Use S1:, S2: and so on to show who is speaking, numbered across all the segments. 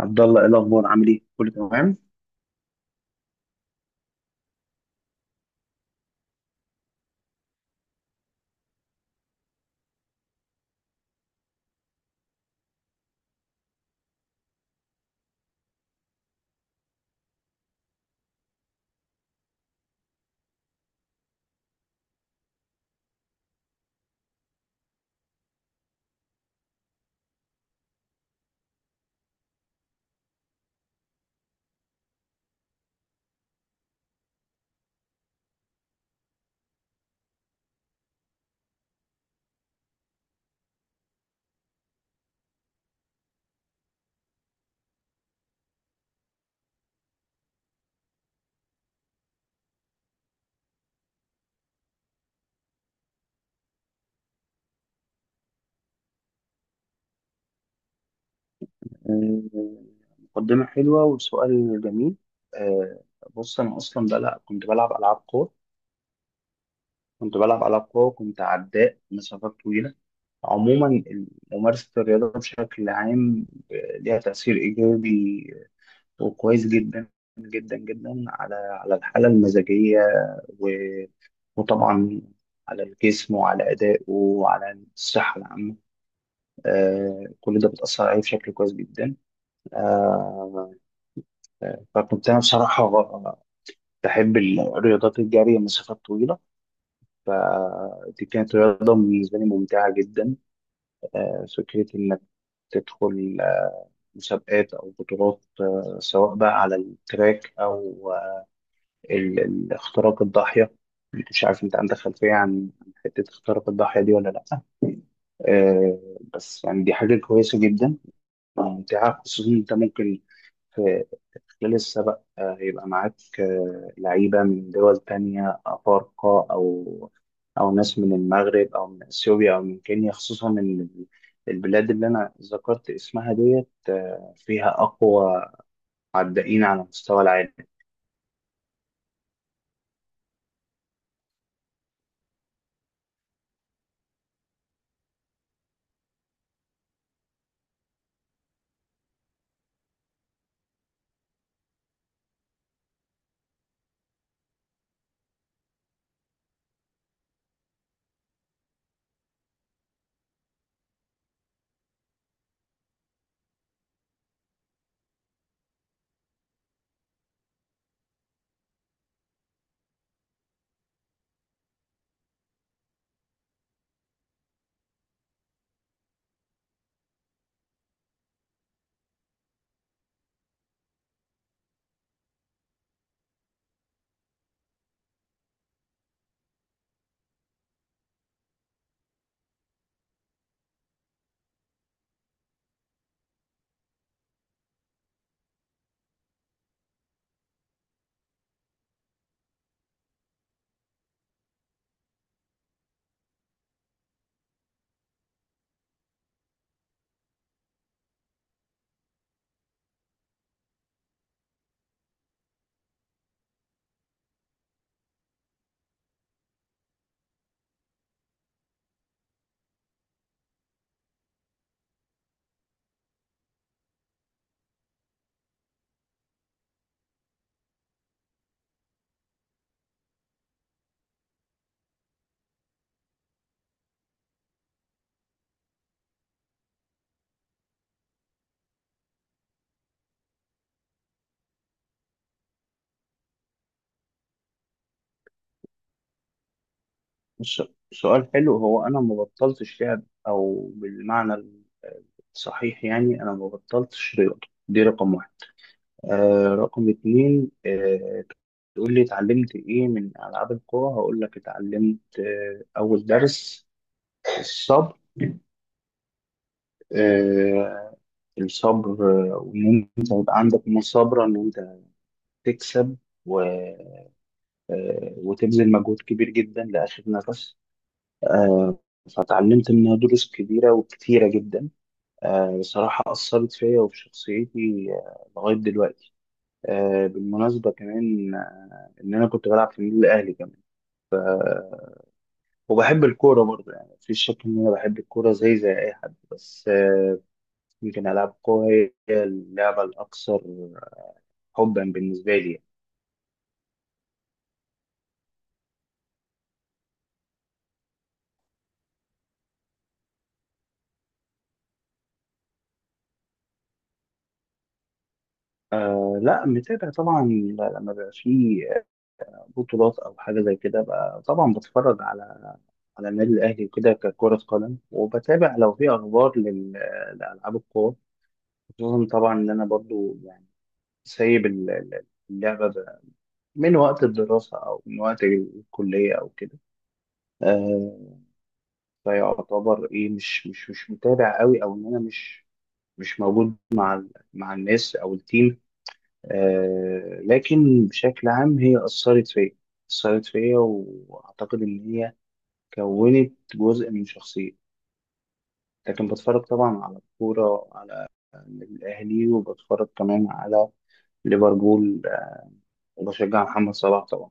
S1: عبد الله، ايه الاخبار؟ عامل ايه؟ كله تمام؟ آه، مقدمه حلوه وسؤال جميل. آه، بص، انا اصلا بلعب، كنت بلعب العاب قوه. وكنت عداء مسافات طويله. عموما ممارسه الرياضه بشكل عام ليها تاثير ايجابي وكويس جدا جدا جدا على الحاله المزاجيه و- وطبعا على الجسم وعلى ادائه وعلى الصحه العامه. كل ده بتاثر عليه بشكل كويس جدا. آه، فكنت أنا بصراحة بحب الرياضات، الجري، المسافات الطويلة. فدي كانت رياضة بالنسبة لي ممتعة جدا. فكرة إنك تدخل مسابقات أو بطولات، سواء بقى على التراك أو اختراق الضاحية. مش عارف أنت عندك خلفية عن حتة اختراق الضاحية دي ولا لأ. بس يعني دي حاجة كويسة جدا، ممتعة، خصوصا أنت ممكن لسه بقى هيبقى معاك لعيبة من دول تانية أفارقة أو أو ناس من المغرب أو من أثيوبيا أو من كينيا، خصوصا إن البلاد اللي أنا ذكرت اسمها ديت فيها أقوى عدائين على مستوى العالم. الس- سؤال حلو. هو أنا ما بطلتش لعب، أو بالمعنى الصحيح يعني أنا ما بطلتش رياضة. دي رقم واحد. رقم اتنين، تقول لي اتعلمت ايه من العاب القوى؟ هقول لك اتعلمت اول درس الصبر. آه، الصبر. وان انت يبقى عندك مثابرة ان انت تكسب و... آه، وتبذل مجهود كبير جدا لاخر نفس. آه، فتعلمت منها دروس كبيرة وكتيرة جدا. بصراحة أثرت فيا وفي شخصيتي لغاية دلوقتي. بالمناسبة كمان، إن أنا كنت بلعب في النادي الأهلي كمان، وبحب الكورة برضه. يعني مفيش شك إن أنا بحب الكورة زي زي أي حد، بس يمكن ألعاب القوة هي اللعبة الأكثر حبا بالنسبة لي. آه لا، متابع طبعا. لما بيبقى في بطولات أو حاجة زي كده بقى طبعا بتفرج على النادي الأهلي وكده ككرة قدم، وبتابع لو في أخبار لألعاب القوة. خصوصا طبعا إن أنا برضو يعني سايب اللعبة من وقت الدراسة أو من وقت الكلية أو كده. آه، فيعتبر ايه، مش متابع قوي، او ان انا مش موجود مع الناس او التيم. آه لكن بشكل عام هي اثرت فيا، اثرت فيا، واعتقد ان هي كونت جزء من شخصيتي. لكن بتفرج طبعا على الكوره، على الاهلي، وبتفرج كمان على ليفربول وبشجع محمد صلاح طبعا.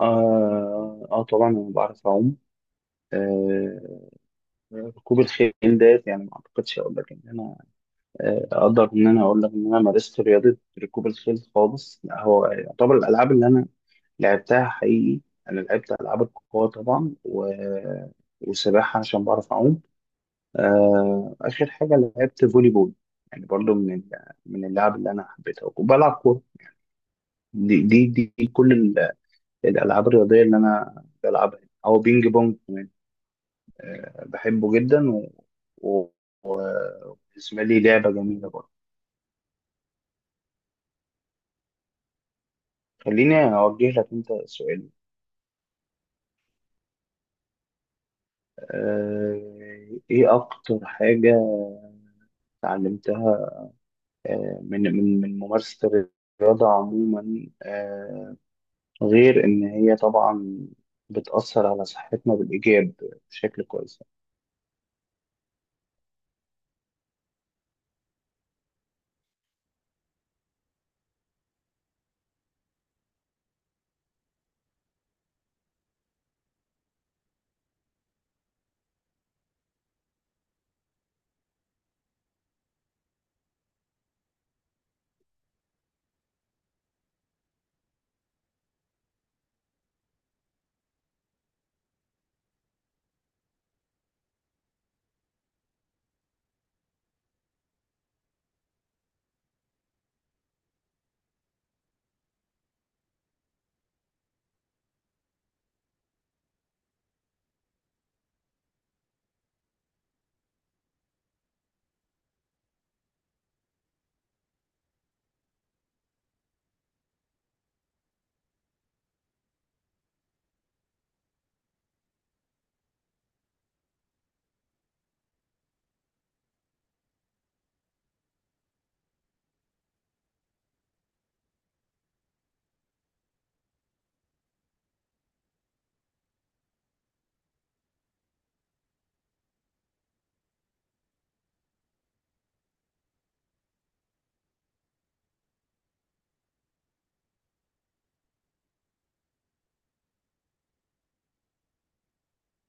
S1: اه طبعا انا بعرف اعوم. آه، ركوب الخيل ديت، يعني ما اعتقدش اقول لك ان انا اقدر ان انا اقول لك ان انا مارست رياضه ركوب الخيل خالص، لا. هو يعتبر الالعاب اللي انا لعبتها حقيقي، انا لعبت العاب القوه طبعا، وسباحه عشان بعرف اعوم. اخر حاجه لعبت فولي بول، يعني برضو من من اللعب اللي انا حبيتها، وبلعب كوره. دي كل الالعاب الرياضيه اللي انا بلعبها، او بينج بونج. بحبه جدا و... وبالنسبه لي لعبه جميله برضه. خليني اوجه لك انت سؤال، ايه اكتر حاجة اتعلمتها من ممارسة الرياضة عموما، غير ان هي طبعا بتأثر على صحتنا بالإيجاب بشكل كويس؟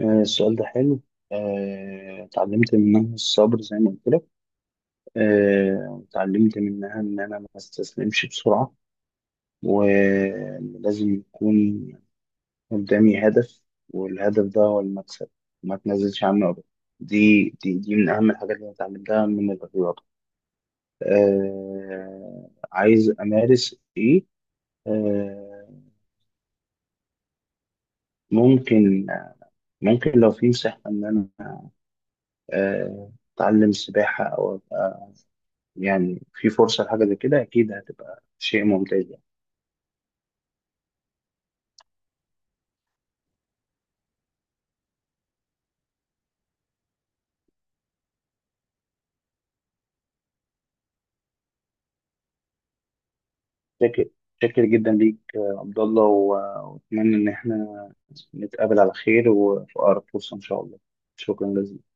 S1: السؤال ده حلو. اتعلمت منها الصبر زي ما قلت لك. اتعلمت منها ان انا ما استسلمش بسرعة، ولازم يكون قدامي هدف، والهدف ده هو المكسب، ما تنزلش عنه أبدا. دي من أهم الحاجات اللي أنا اتعلمتها من الرياضة. آه، عايز أمارس إيه؟ آه، ممكن، ممكن لو في مساحة إن أنا آه أتعلم سباحة أو أبقى، يعني في فرصة لحاجة زي كده، أكيد هتبقى شيء ممتاز يعني. شاكر، شاكر جدا ليك يا عبد الله، وأتمنى إن إحنا نتقابل على خير وفي أقرب فرصة إن شاء الله. شكرا جزيلا.